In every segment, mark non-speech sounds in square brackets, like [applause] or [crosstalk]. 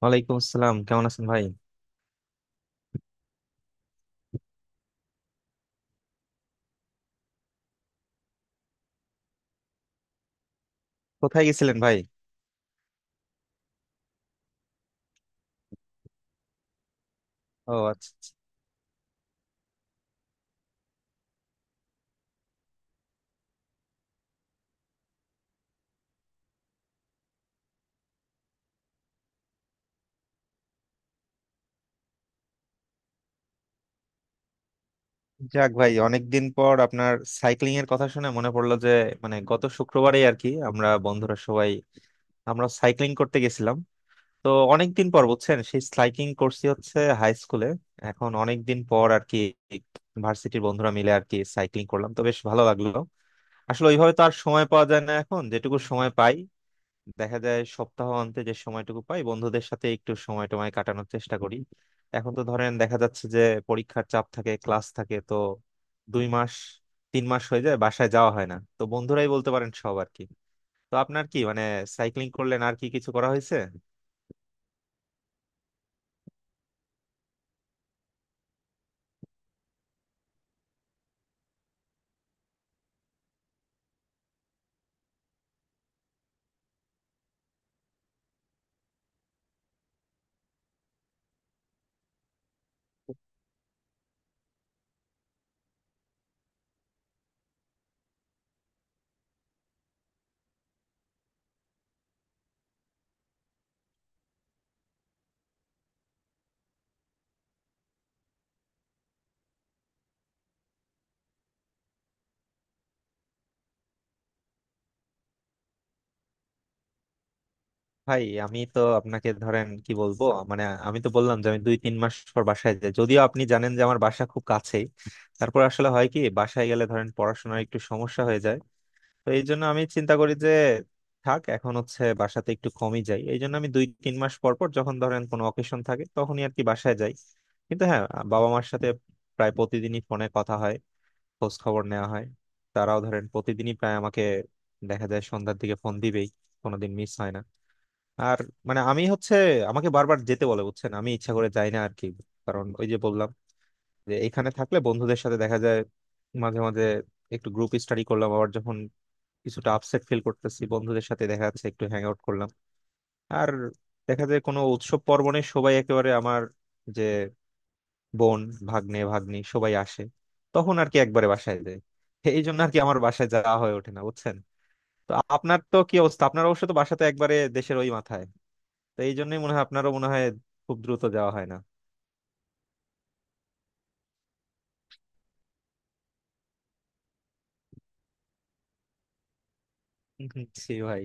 ওয়ালাইকুম আসসালাম, কেমন আছেন ভাই? কোথায় গেছিলেন ভাই? ও আচ্ছা আচ্ছা। যাক ভাই, অনেকদিন পর আপনার সাইক্লিং এর কথা শুনে মনে পড়লো যে, মানে গত শুক্রবারে আর কি আমরা বন্ধুরা সবাই আমরা সাইক্লিং করতে গেছিলাম। তো অনেকদিন পর বুঝছেন, সেই সাইক্লিং করছি হচ্ছে হাই স্কুলে। এখন অনেকদিন পর আর কি ভার্সিটির বন্ধুরা মিলে আর কি সাইক্লিং করলাম, তো বেশ ভালো লাগলো। আসলে ওইভাবে তো আর সময় পাওয়া যায় না, এখন যেটুকু সময় পাই দেখা যায় সপ্তাহ অন্তে যে সময়টুকু পাই বন্ধুদের সাথে একটু সময় টময় কাটানোর চেষ্টা করি। এখন তো ধরেন দেখা যাচ্ছে যে পরীক্ষার চাপ থাকে, ক্লাস থাকে, তো 2 মাস 3 মাস হয়ে যায় বাসায় যাওয়া হয় না, তো বন্ধুরাই বলতে পারেন সব আর কি। তো আপনার কি মানে, সাইক্লিং করলেন আর কি কিছু করা হয়েছে? ভাই আমি তো আপনাকে ধরেন কি বলবো মানে আমি তো বললাম যে আমি 2 3 মাস পর বাসায় যাই, যদিও আপনি জানেন যে আমার বাসা খুব কাছেই। তারপর আসলে হয় কি বাসায় গেলে ধরেন পড়াশোনার একটু সমস্যা হয়ে যায়। তো এই জন্য আমি চিন্তা করি যে থাক, এখন হচ্ছে বাসাতে একটু কমই যাই। এই জন্য আমি 2 3 মাস পর পর যখন ধরেন কোনো অকেশন থাকে তখনই আর কি বাসায় যাই। কিন্তু হ্যাঁ, বাবা মার সাথে প্রায় প্রতিদিনই ফোনে কথা হয়, খোঁজ খবর নেওয়া হয়। তারাও ধরেন প্রতিদিনই প্রায় আমাকে দেখা যায় সন্ধ্যার দিকে ফোন দিবেই, কোনোদিন মিস হয় না। আর মানে আমি হচ্ছে আমাকে বারবার যেতে বলে বুঝছেন, আমি ইচ্ছা করে যাই না আর কি। কারণ ওই যে বললাম যে এখানে থাকলে বন্ধুদের সাথে দেখা যায় মাঝে মাঝে, একটু গ্রুপ স্টাডি করলাম, আবার যখন কিছুটা আপসেট ফিল করতেছি বন্ধুদের সাথে দেখা যাচ্ছে একটু হ্যাং আউট করলাম। আর দেখা যায় কোনো উৎসব পার্বণে সবাই একেবারে আমার যে বোন, ভাগ্নে ভাগ্নি সবাই আসে, তখন আর কি একবারে বাসায় যায়। এই জন্য আর কি আমার বাসায় যাওয়া হয়ে ওঠে না বুঝছেন। তো আপনার তো কি অবস্থা? আপনার অবশ্য তো বাসা তো একবারে দেশের ওই মাথায়, তো এই জন্যই মনে হয় আপনারও মনে হয় খুব দ্রুত যাওয়া হয় না। হুম, হুম, জি ভাই।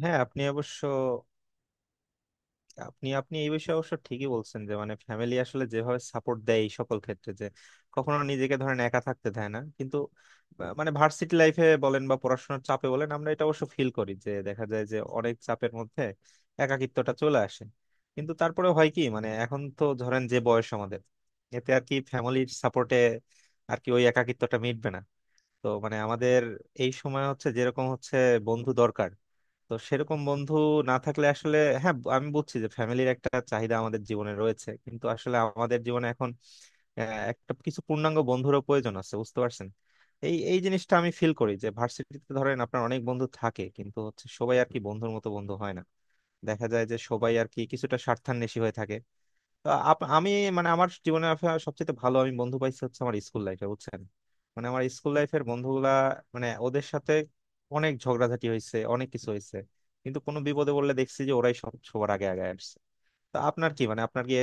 হ্যাঁ আপনি অবশ্য, আপনি আপনি এই বিষয়ে অবশ্য ঠিকই বলছেন যে, মানে ফ্যামিলি আসলে যেভাবে সাপোর্ট দেয় এই সকল ক্ষেত্রে, যে কখনো নিজেকে ধরেন একা থাকতে দেয় না। কিন্তু মানে ভার্সিটি লাইফে বলেন বা পড়াশোনার চাপে বলেন, আমরা এটা অবশ্য ফিল করি যে দেখা যায় যে অনেক চাপের মধ্যে একাকিত্বটা চলে আসে। কিন্তু তারপরে হয় কি, মানে এখন তো ধরেন যে বয়স আমাদের, এতে আর কি ফ্যামিলির সাপোর্টে আর কি ওই একাকিত্বটা মিটবে না। তো মানে আমাদের এই সময় হচ্ছে যেরকম হচ্ছে বন্ধু দরকার, তো সেরকম বন্ধু না থাকলে আসলে, হ্যাঁ আমি বুঝছি যে ফ্যামিলির একটা চাহিদা আমাদের জীবনে রয়েছে কিন্তু আসলে আমাদের জীবনে এখন আহ, একটা কিছু পূর্ণাঙ্গ বন্ধুরও প্রয়োজন আছে, বুঝতে পারছেন। এই এই জিনিসটা আমি ফিল করি যে ভার্সিটিতে ধরেন আপনার অনেক বন্ধু থাকে কিন্তু হচ্ছে সবাই আর কি বন্ধুর মতো বন্ধু হয় না, দেখা যায় যে সবাই আর কি কিছুটা স্বার্থান্বেষী হয়ে থাকে। আমি মানে আমার জীবনে সবচেয়ে ভালো আমি বন্ধু পাইছি হচ্ছে আমার স্কুল লাইফে, বুঝছেন। মানে আমার স্কুল লাইফের বন্ধুগুলা, মানে ওদের সাথে অনেক ঝগড়াঝাটি হয়েছে, অনেক কিছু হয়েছে কিন্তু কোনো বিপদে বললে দেখছি যে ওরাই সব সবার আগে আগে আসছে। তো আপনার কি মানে, আপনার কি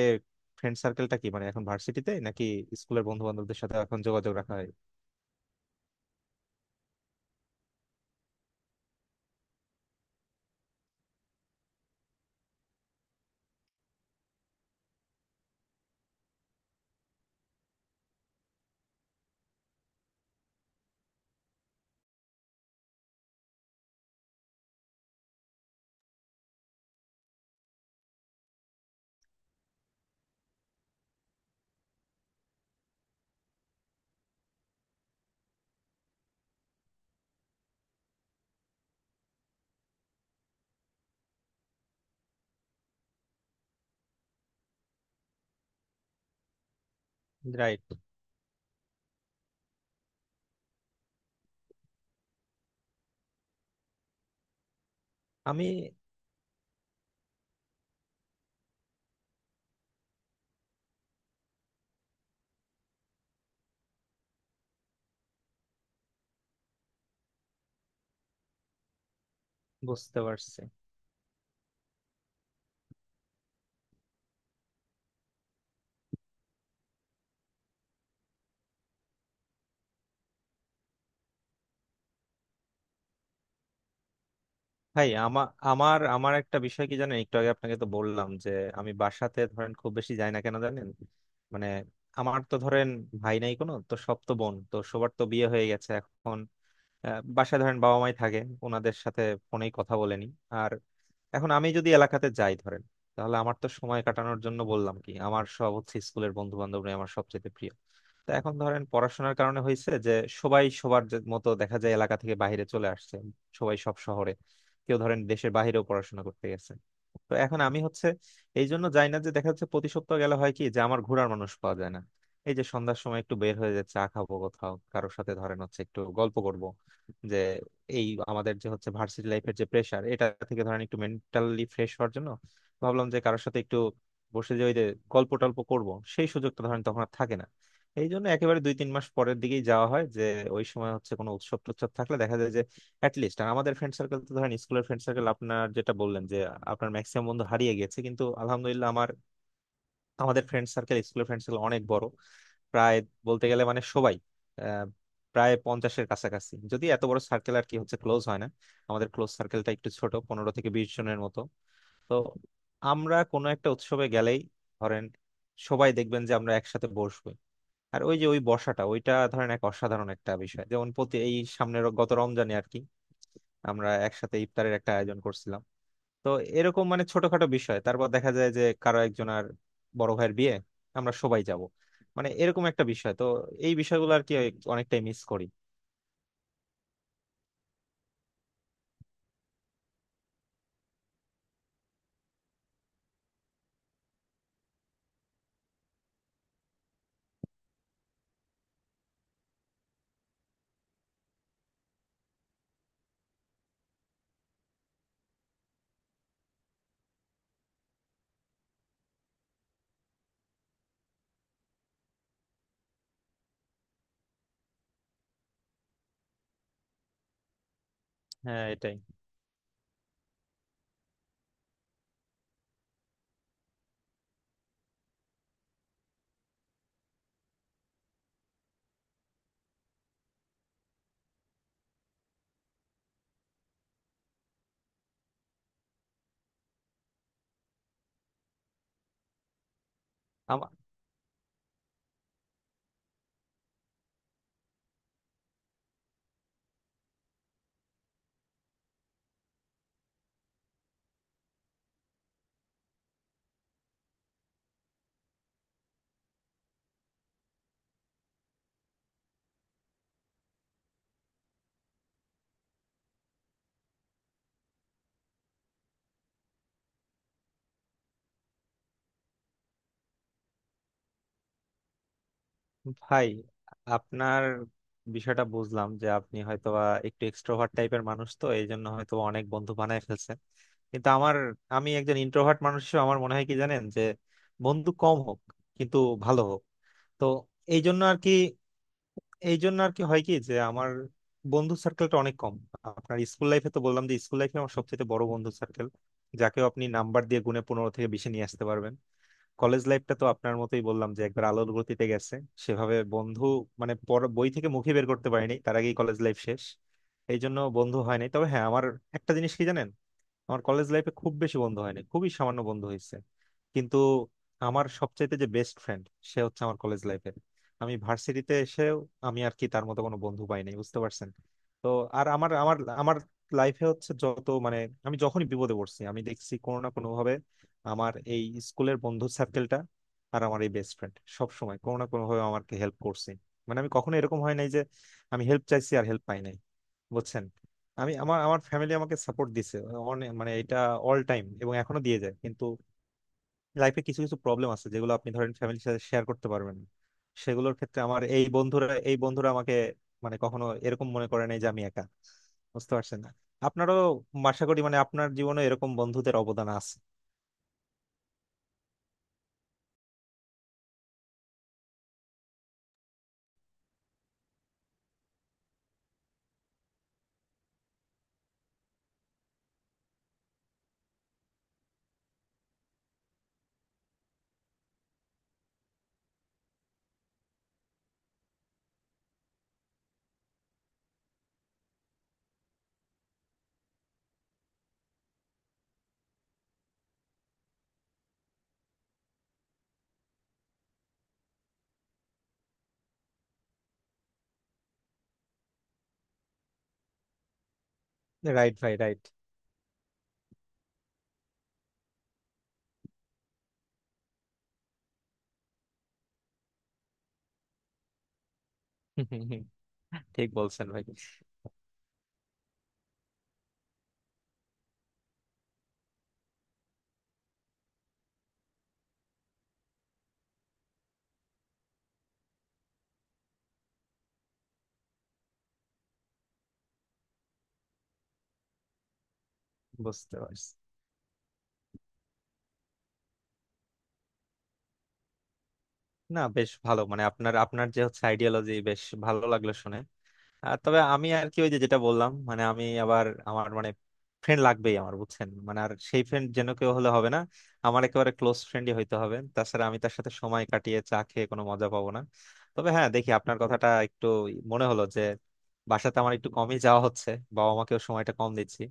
ফ্রেন্ড সার্কেলটা কি মানে এখন ভার্সিটিতে নাকি স্কুলের বন্ধু বান্ধবদের সাথে এখন যোগাযোগ রাখা হয়? রাইট। আমি বুঝতে পারছি। ভাই আমার আমার আমার একটা বিষয় কি জানেন, একটু আগে আপনাকে তো বললাম যে আমি বাসাতে ধরেন খুব বেশি যাই না, কেন জানেন? মানে আমার তো ধরেন ভাই নাই কোনো, তো সব তো বোন তো সবার তো বিয়ে হয়ে গেছে এখন। বাসায় ধরেন বাবা মাই থাকে, ওনাদের সাথে ফোনেই কথা বলেনি। এখন আমি যদি এলাকাতে যাই ধরেন, তাহলে আমার তো সময় কাটানোর জন্য বললাম কি আমার সব হচ্ছে স্কুলের বন্ধু বান্ধবরা আমার সবচেয়ে প্রিয়। তো এখন ধরেন পড়াশোনার কারণে হয়েছে যে সবাই সবার মতো দেখা যায় এলাকা থেকে বাইরে চলে আসছে, সবাই সব শহরে, কেউ ধরেন দেশের বাইরেও পড়াশোনা করতে গেছে। তো এখন আমি হচ্ছে এই জন্য যাই না যে দেখা যাচ্ছে প্রতি সপ্তাহ গেলে হয় কি যে আমার ঘোরার মানুষ পাওয়া যায় না। এই যে সন্ধ্যার সময় একটু বের হয়ে যাচ্ছে চা খাবো কোথাও কারোর সাথে ধরেন হচ্ছে একটু গল্প করব, যে এই আমাদের যে হচ্ছে ভার্সিটি লাইফের যে প্রেশার এটা থেকে ধরেন একটু মেন্টালি ফ্রেশ হওয়ার জন্য ভাবলাম যে কারোর সাথে একটু বসে যে ওই যে গল্প টল্প করবো, সেই সুযোগটা ধরেন তখন আর থাকে না। এই জন্য একেবারে 2 3 মাস পরের দিকেই যাওয়া হয় যে ওই সময় হচ্ছে কোনো উৎসব টুৎসব থাকলে দেখা যায় যে অ্যাটলিস্ট, আর আমাদের ফ্রেন্ড সার্কেল তো ধরেন স্কুলের ফ্রেন্ড সার্কেল আপনার যেটা বললেন যে আপনার ম্যাক্সিমাম বন্ধু হারিয়ে গেছে, কিন্তু আলহামদুলিল্লাহ আমার, আমাদের ফ্রেন্ড সার্কেল স্কুলের ফ্রেন্ড সার্কেল অনেক বড়। প্রায় বলতে গেলে মানে সবাই আহ, প্রায় 50-এর কাছাকাছি। যদি এত বড় সার্কেল আর কি হচ্ছে ক্লোজ হয় না, আমাদের ক্লোজ সার্কেলটা একটু ছোট, 15 থেকে 20 জনের মতো। তো আমরা কোনো একটা উৎসবে গেলেই ধরেন সবাই দেখবেন যে আমরা একসাথে বসবো, আর ওই যে ওই বসাটা ওইটা ধরেন এক অসাধারণ একটা বিষয়। যেমন প্রতি এই সামনের গত রমজানে আর কি আমরা একসাথে ইফতারের একটা আয়োজন করছিলাম। তো এরকম মানে ছোটখাটো বিষয়, তারপর দেখা যায় যে কারো একজন আর বড় ভাইয়ের বিয়ে, আমরা সবাই যাব, মানে এরকম একটা বিষয় তো। এই বিষয়গুলো আর কি অনেকটাই মিস করি। হ্যাঁ এটাই। আমা- ভাই আপনার বিষয়টা বুঝলাম যে আপনি হয়তোবা একটু এক্সট্রোভার্ট টাইপের মানুষ, তো এই জন্য হয়তো অনেক বন্ধু বানায় ফেলছেন। কিন্তু আমার, আমি একজন ইন্ট্রোভার্ট মানুষ হিসেবে আমার মনে হয় কি জানেন, যে বন্ধু কম হোক কিন্তু ভালো হোক। তো এই জন্য আর কি, এই জন্য আর কি হয় কি যে আমার বন্ধু সার্কেলটা অনেক কম। আপনার স্কুল লাইফে তো বললাম যে স্কুল লাইফে আমার সবচেয়ে বড় বন্ধু সার্কেল, যাকেও আপনি নাম্বার দিয়ে গুণে 15 থেকে 20-এ নিয়ে আসতে পারবেন। কলেজ লাইফটা তো আপনার মতোই বললাম যে একবার আলোর গতিতে গেছে, সেভাবে বন্ধু মানে বই থেকে মুখে বের করতে পারিনি তার আগেই কলেজ লাইফ শেষ, এই জন্য বন্ধু হয়নি। তবে হ্যাঁ আমার একটা জিনিস কি জানেন, আমার কলেজ লাইফে খুব বেশি বন্ধু হয়নি, খুবই সামান্য বন্ধু হয়েছে কিন্তু আমার সবচাইতে যে বেস্ট ফ্রেন্ড সে হচ্ছে আমার কলেজ লাইফের। আমি ভার্সিটিতে এসেও আমি আর কি তার মতো কোনো বন্ধু পাই নাই, বুঝতে পারছেন। তো আর আমার আমার আমার লাইফে হচ্ছে যত মানে, আমি যখনই বিপদে পড়ছি আমি দেখছি কোনো না কোনো ভাবে আমার এই স্কুলের বন্ধু সার্কেলটা আর আমার এই বেস্ট ফ্রেন্ড সব সময় কোনো না কোনো ভাবে আমাকে হেল্প করছে। মানে আমি কখনো এরকম হয় নাই যে আমি হেল্প চাইছি আর হেল্প পাই নাই, বুঝছেন। আমি আমার আমার ফ্যামিলি আমাকে সাপোর্ট দিছে মানে এটা অল টাইম, এবং এখনো দিয়ে যায়। কিন্তু লাইফে কিছু কিছু প্রবলেম আছে যেগুলো আপনি ধরেন ফ্যামিলির সাথে শেয়ার করতে পারবেন না। সেগুলোর ক্ষেত্রে আমার এই বন্ধুরা আমাকে মানে কখনো এরকম মনে করে নাই যে আমি একা, বুঝতে পারছেন না। আপনারও আশা করি মানে আপনার জীবনে এরকম বন্ধুদের অবদান আছে। রাইট ভাই, রাইট। [laughs] ঠিক বলছেন ভাই। বুঝতে পারছি। না বেশ ভালো, মানে আপনার আপনার যে হচ্ছে আইডিয়োলজি বেশ ভালো লাগলো শুনে। আর তবে আমি আর কি ওই যে যেটা বললাম, মানে আমি আবার আমার মানে ফ্রেন্ড লাগবেই আমার, বুঝছেন। মানে আর সেই ফ্রেন্ড যেন কেউ হলে হবে না, আমার একেবারে ক্লোজ ফ্রেন্ডই হইতে হবে, তাছাড়া আমি তার সাথে সময় কাটিয়ে চা খেয়ে কোনো মজা পাবো না। তবে হ্যাঁ দেখি, আপনার কথাটা একটু মনে হলো যে বাসাতে আমার একটু কমই যাওয়া হচ্ছে, বাবা মাকেও সময়টা কম দিচ্ছি।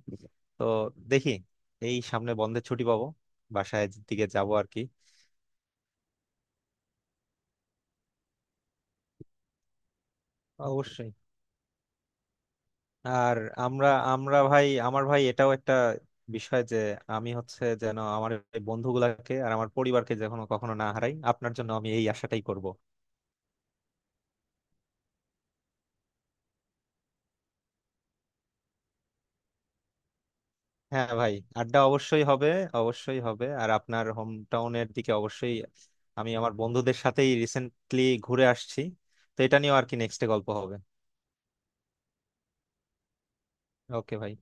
তো দেখি এই সামনে বন্ধের ছুটি পাবো, বাসায় দিকে যাবো আর কি। অবশ্যই। আর আমরা, আমরা ভাই আমার ভাই এটাও একটা বিষয় যে আমি হচ্ছে যেন আমার এই বন্ধুগুলাকে আর আমার পরিবারকে যখন কখনো না হারাই, আপনার জন্য আমি এই আশাটাই করব। হ্যাঁ ভাই, আড্ডা অবশ্যই হবে, অবশ্যই হবে। আর আপনার হোম টাউনের দিকে অবশ্যই আমি আমার বন্ধুদের সাথেই রিসেন্টলি ঘুরে আসছি, তো এটা নিয়েও আর কি নেক্সটে গল্প হবে। ওকে ভাই।